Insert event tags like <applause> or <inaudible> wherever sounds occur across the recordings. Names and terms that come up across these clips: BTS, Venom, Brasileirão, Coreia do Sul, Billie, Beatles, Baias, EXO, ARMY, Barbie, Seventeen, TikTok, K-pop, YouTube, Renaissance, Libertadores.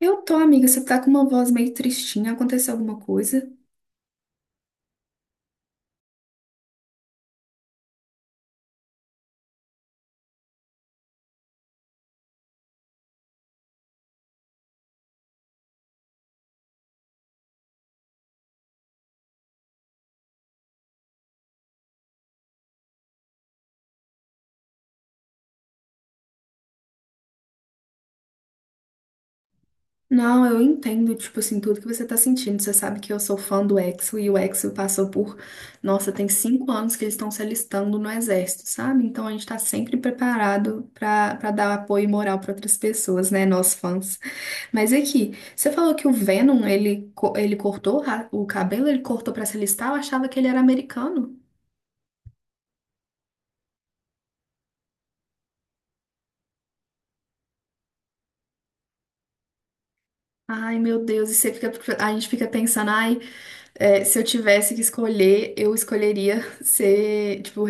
Eu tô, amiga, você tá com uma voz meio tristinha, aconteceu alguma coisa? Não, eu entendo, tipo assim, tudo que você tá sentindo. Você sabe que eu sou fã do EXO e o EXO passou por, nossa, tem 5 anos que eles estão se alistando no exército, sabe? Então a gente tá sempre preparado pra dar apoio moral pra outras pessoas, né, nós fãs. Mas aqui, você falou que o Venom, ele, ele cortou o o cabelo, ele cortou pra se alistar, eu achava que ele era americano. Ai, meu Deus, e você fica, a gente fica pensando, ai. É, se eu tivesse que escolher, eu escolheria <laughs> ser, tipo,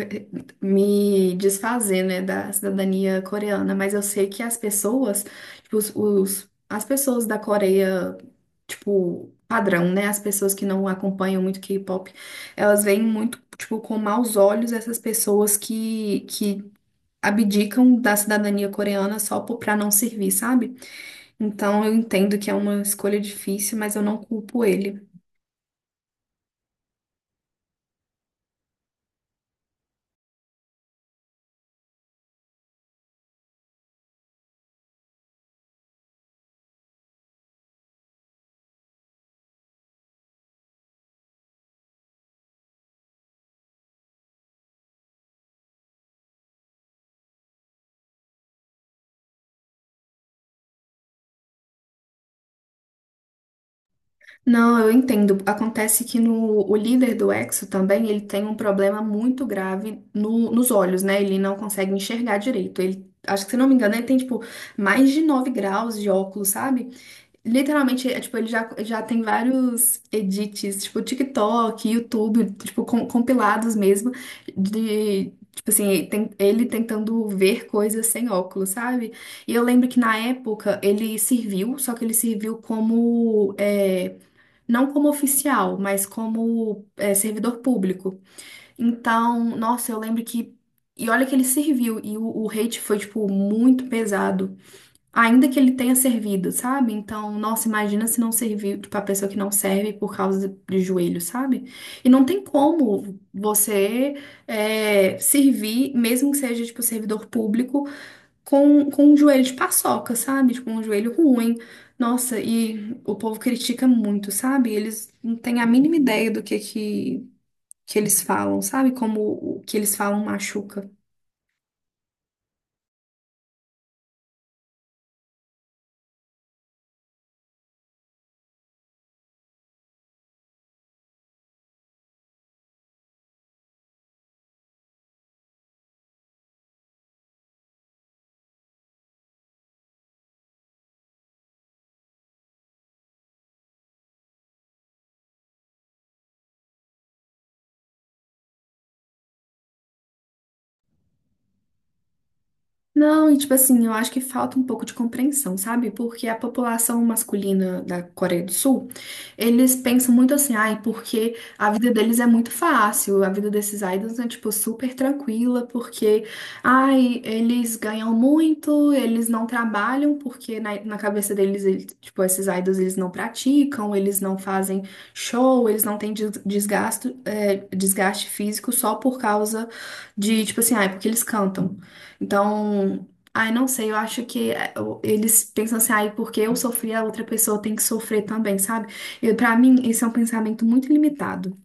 me desfazer, né, da cidadania coreana. Mas eu sei que as pessoas, tipo, as pessoas da Coreia, tipo, padrão, né, as pessoas que não acompanham muito K-pop, elas veem muito, tipo, com maus olhos essas pessoas que abdicam da cidadania coreana só pra não servir, sabe? Então eu entendo que é uma escolha difícil, mas eu não culpo ele. Não, eu entendo. Acontece que no, o líder do Exo também, ele tem um problema muito grave nos olhos, né? Ele não consegue enxergar direito. Ele, acho que, se não me engano, ele tem, tipo, mais de 9 graus de óculos, sabe? Literalmente, é, tipo, ele já tem vários edits, tipo, TikTok, YouTube, tipo, compilados mesmo, de. Tipo assim, ele tentando ver coisas sem óculos, sabe? E eu lembro que na época ele serviu, só que ele serviu como é, não como oficial, mas como é, servidor público. Então, nossa, eu lembro que. E olha que ele serviu, e o hate foi, tipo, muito pesado. Ainda que ele tenha servido, sabe? Então, nossa, imagina se não serviu, tipo, a pessoa que não serve por causa de joelho, sabe? E não tem como você servir, mesmo que seja, tipo, servidor público, com um joelho de paçoca, sabe? Tipo, um joelho ruim. Nossa, e o povo critica muito, sabe? Eles não têm a mínima ideia do que que eles falam, sabe? Como o que eles falam machuca. Não, e tipo assim, eu acho que falta um pouco de compreensão, sabe? Porque a população masculina da Coreia do Sul, eles pensam muito assim, ai, porque a vida deles é muito fácil, a vida desses idols é, tipo, super tranquila, porque, ai, eles ganham muito, eles não trabalham, porque na cabeça deles, tipo, esses idols, eles não praticam, eles não fazem show, eles não têm desgaste físico só por causa de, tipo assim, ai, porque eles cantam. Então, ai, não sei, eu acho que eles pensam assim, ai, porque eu sofri, a outra pessoa tem que sofrer também, sabe? E para mim, esse é um pensamento muito limitado.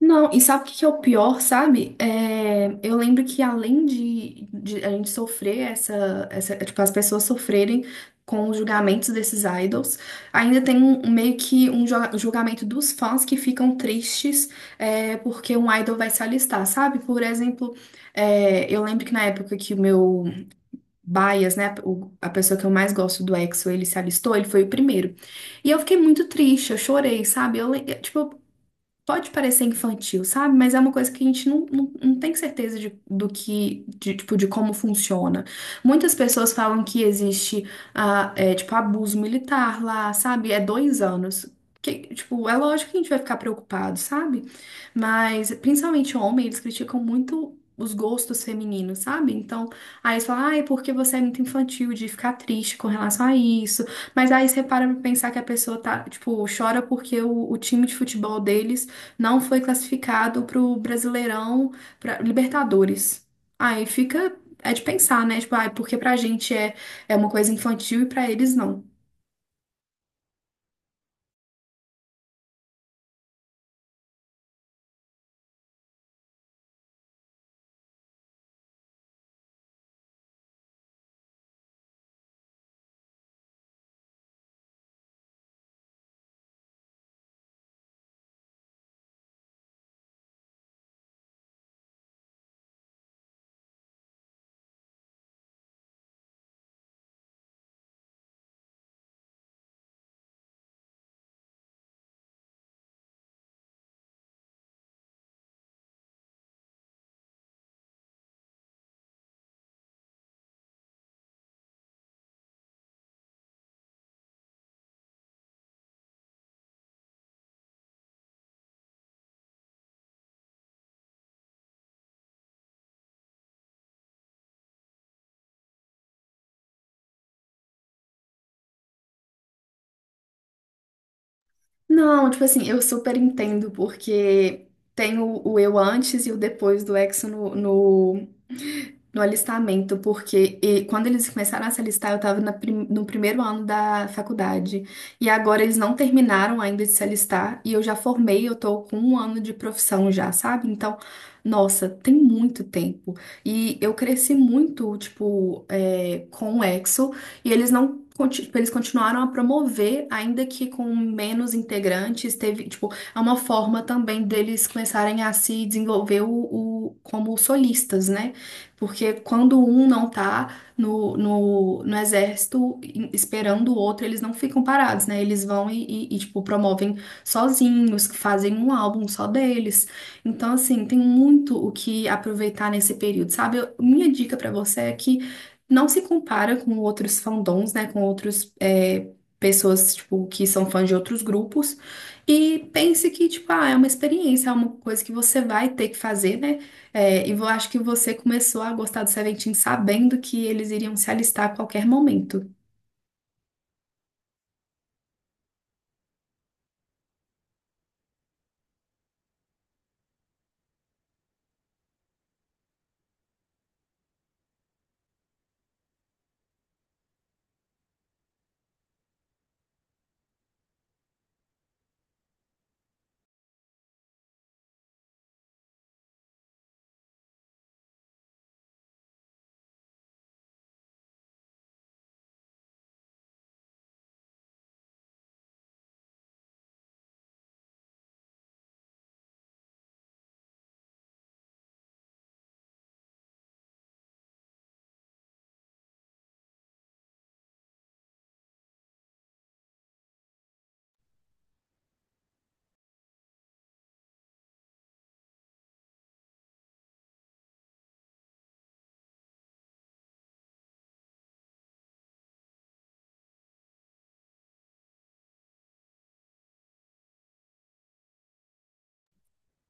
Não, e sabe o que que é o pior, sabe? É, eu lembro que além de a gente sofrer essa, tipo, as pessoas sofrerem com os julgamentos desses idols, ainda tem um meio que um um julgamento dos fãs que ficam tristes porque um idol vai se alistar, sabe? Por exemplo, eu lembro que na época que o meu Baias, né? A pessoa que eu mais gosto do EXO, ele se alistou, ele foi o primeiro. E eu fiquei muito triste, eu chorei, sabe? Tipo, pode parecer infantil, sabe? Mas é uma coisa que a gente não tem certeza de, do que, de, tipo, de como funciona. Muitas pessoas falam que existe, ah, tipo, abuso militar lá, sabe? É 2 anos. Que, tipo, é lógico que a gente vai ficar preocupado, sabe? Mas, principalmente homem, eles criticam muito os gostos femininos, sabe? Então, aí eles falam, ah, é porque você é muito infantil de ficar triste com relação a isso. Mas aí você para pra pensar que a pessoa tá, tipo, chora porque o time de futebol deles não foi classificado para o Brasileirão, para Libertadores. Aí fica, é de pensar, né? Tipo, ai, porque pra gente é uma coisa infantil e pra eles não. Não, tipo assim, eu super entendo, porque tem o eu antes e o depois do Exo no alistamento, porque quando eles começaram a se alistar, eu estava no primeiro ano da faculdade. E agora eles não terminaram ainda de se alistar, e eu já formei, eu tô com um ano de profissão já, sabe? Então, nossa, tem muito tempo. E eu cresci muito, tipo, com o EXO, e eles não. Tipo, eles continuaram a promover, ainda que com menos integrantes, teve, tipo, é uma forma também deles começarem a se desenvolver como solistas, né? Porque quando um não tá no exército esperando o outro, eles não ficam parados, né? Eles vão e, tipo, promovem sozinhos, fazem um álbum só deles. Então, assim, tem muito o que aproveitar nesse período, sabe? Minha dica pra você é que não se compara com outros fandoms, né? Com outros, pessoas, tipo, que são fãs de outros grupos. E pense que, tipo, ah, é uma experiência, é uma coisa que você vai ter que fazer, né? E eu acho que você começou a gostar do Seventeen sabendo que eles iriam se alistar a qualquer momento.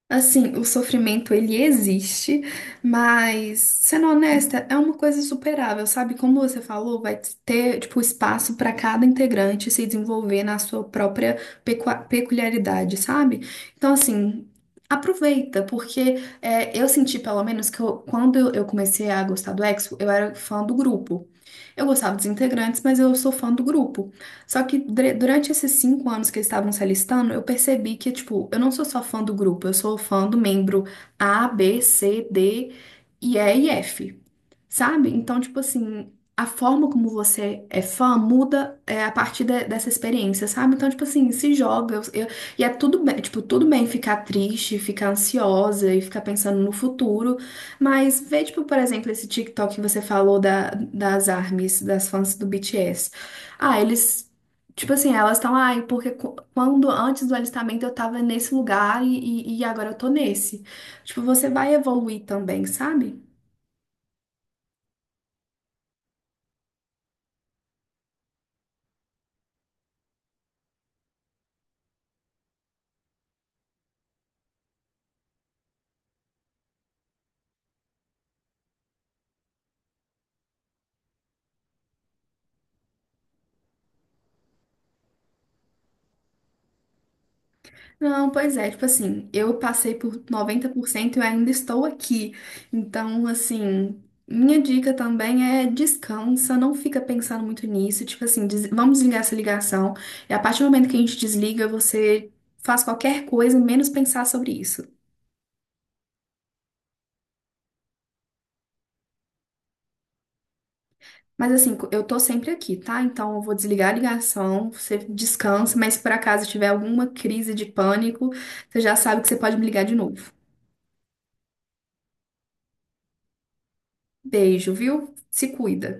Assim, o sofrimento ele existe, mas sendo honesta, é uma coisa superável, sabe? Como você falou, vai ter tipo espaço para cada integrante se desenvolver na sua própria peculiaridade, sabe? Então, assim, aproveita, porque eu senti pelo menos que quando eu comecei a gostar do EXO, eu era fã do grupo. Eu gostava dos integrantes, mas eu sou fã do grupo. Só que durante esses 5 anos que eles estavam se alistando, eu percebi que, tipo, eu não sou só fã do grupo, eu sou fã do membro A, B, C, D e E e F sabe? Então, tipo assim, a forma como você é fã muda a partir dessa experiência, sabe? Então, tipo assim, se joga. E é tudo bem, tipo, tudo bem ficar triste, ficar ansiosa e ficar pensando no futuro. Mas vê, tipo, por exemplo, esse TikTok que você falou das ARMYs, das fãs do BTS. Ah, eles. Tipo assim, elas estão, ai, porque quando antes do alistamento eu tava nesse lugar e agora eu tô nesse. Tipo, você vai evoluir também, sabe? Não, pois é, tipo assim, eu passei por 90% e eu ainda estou aqui. Então, assim, minha dica também é descansa, não fica pensando muito nisso. Tipo assim, vamos desligar essa ligação. E a partir do momento que a gente desliga, você faz qualquer coisa, menos pensar sobre isso. Mas assim, eu tô sempre aqui, tá? Então eu vou desligar a ligação, você descansa, mas se por acaso tiver alguma crise de pânico, você já sabe que você pode me ligar de novo. Beijo, viu? Se cuida.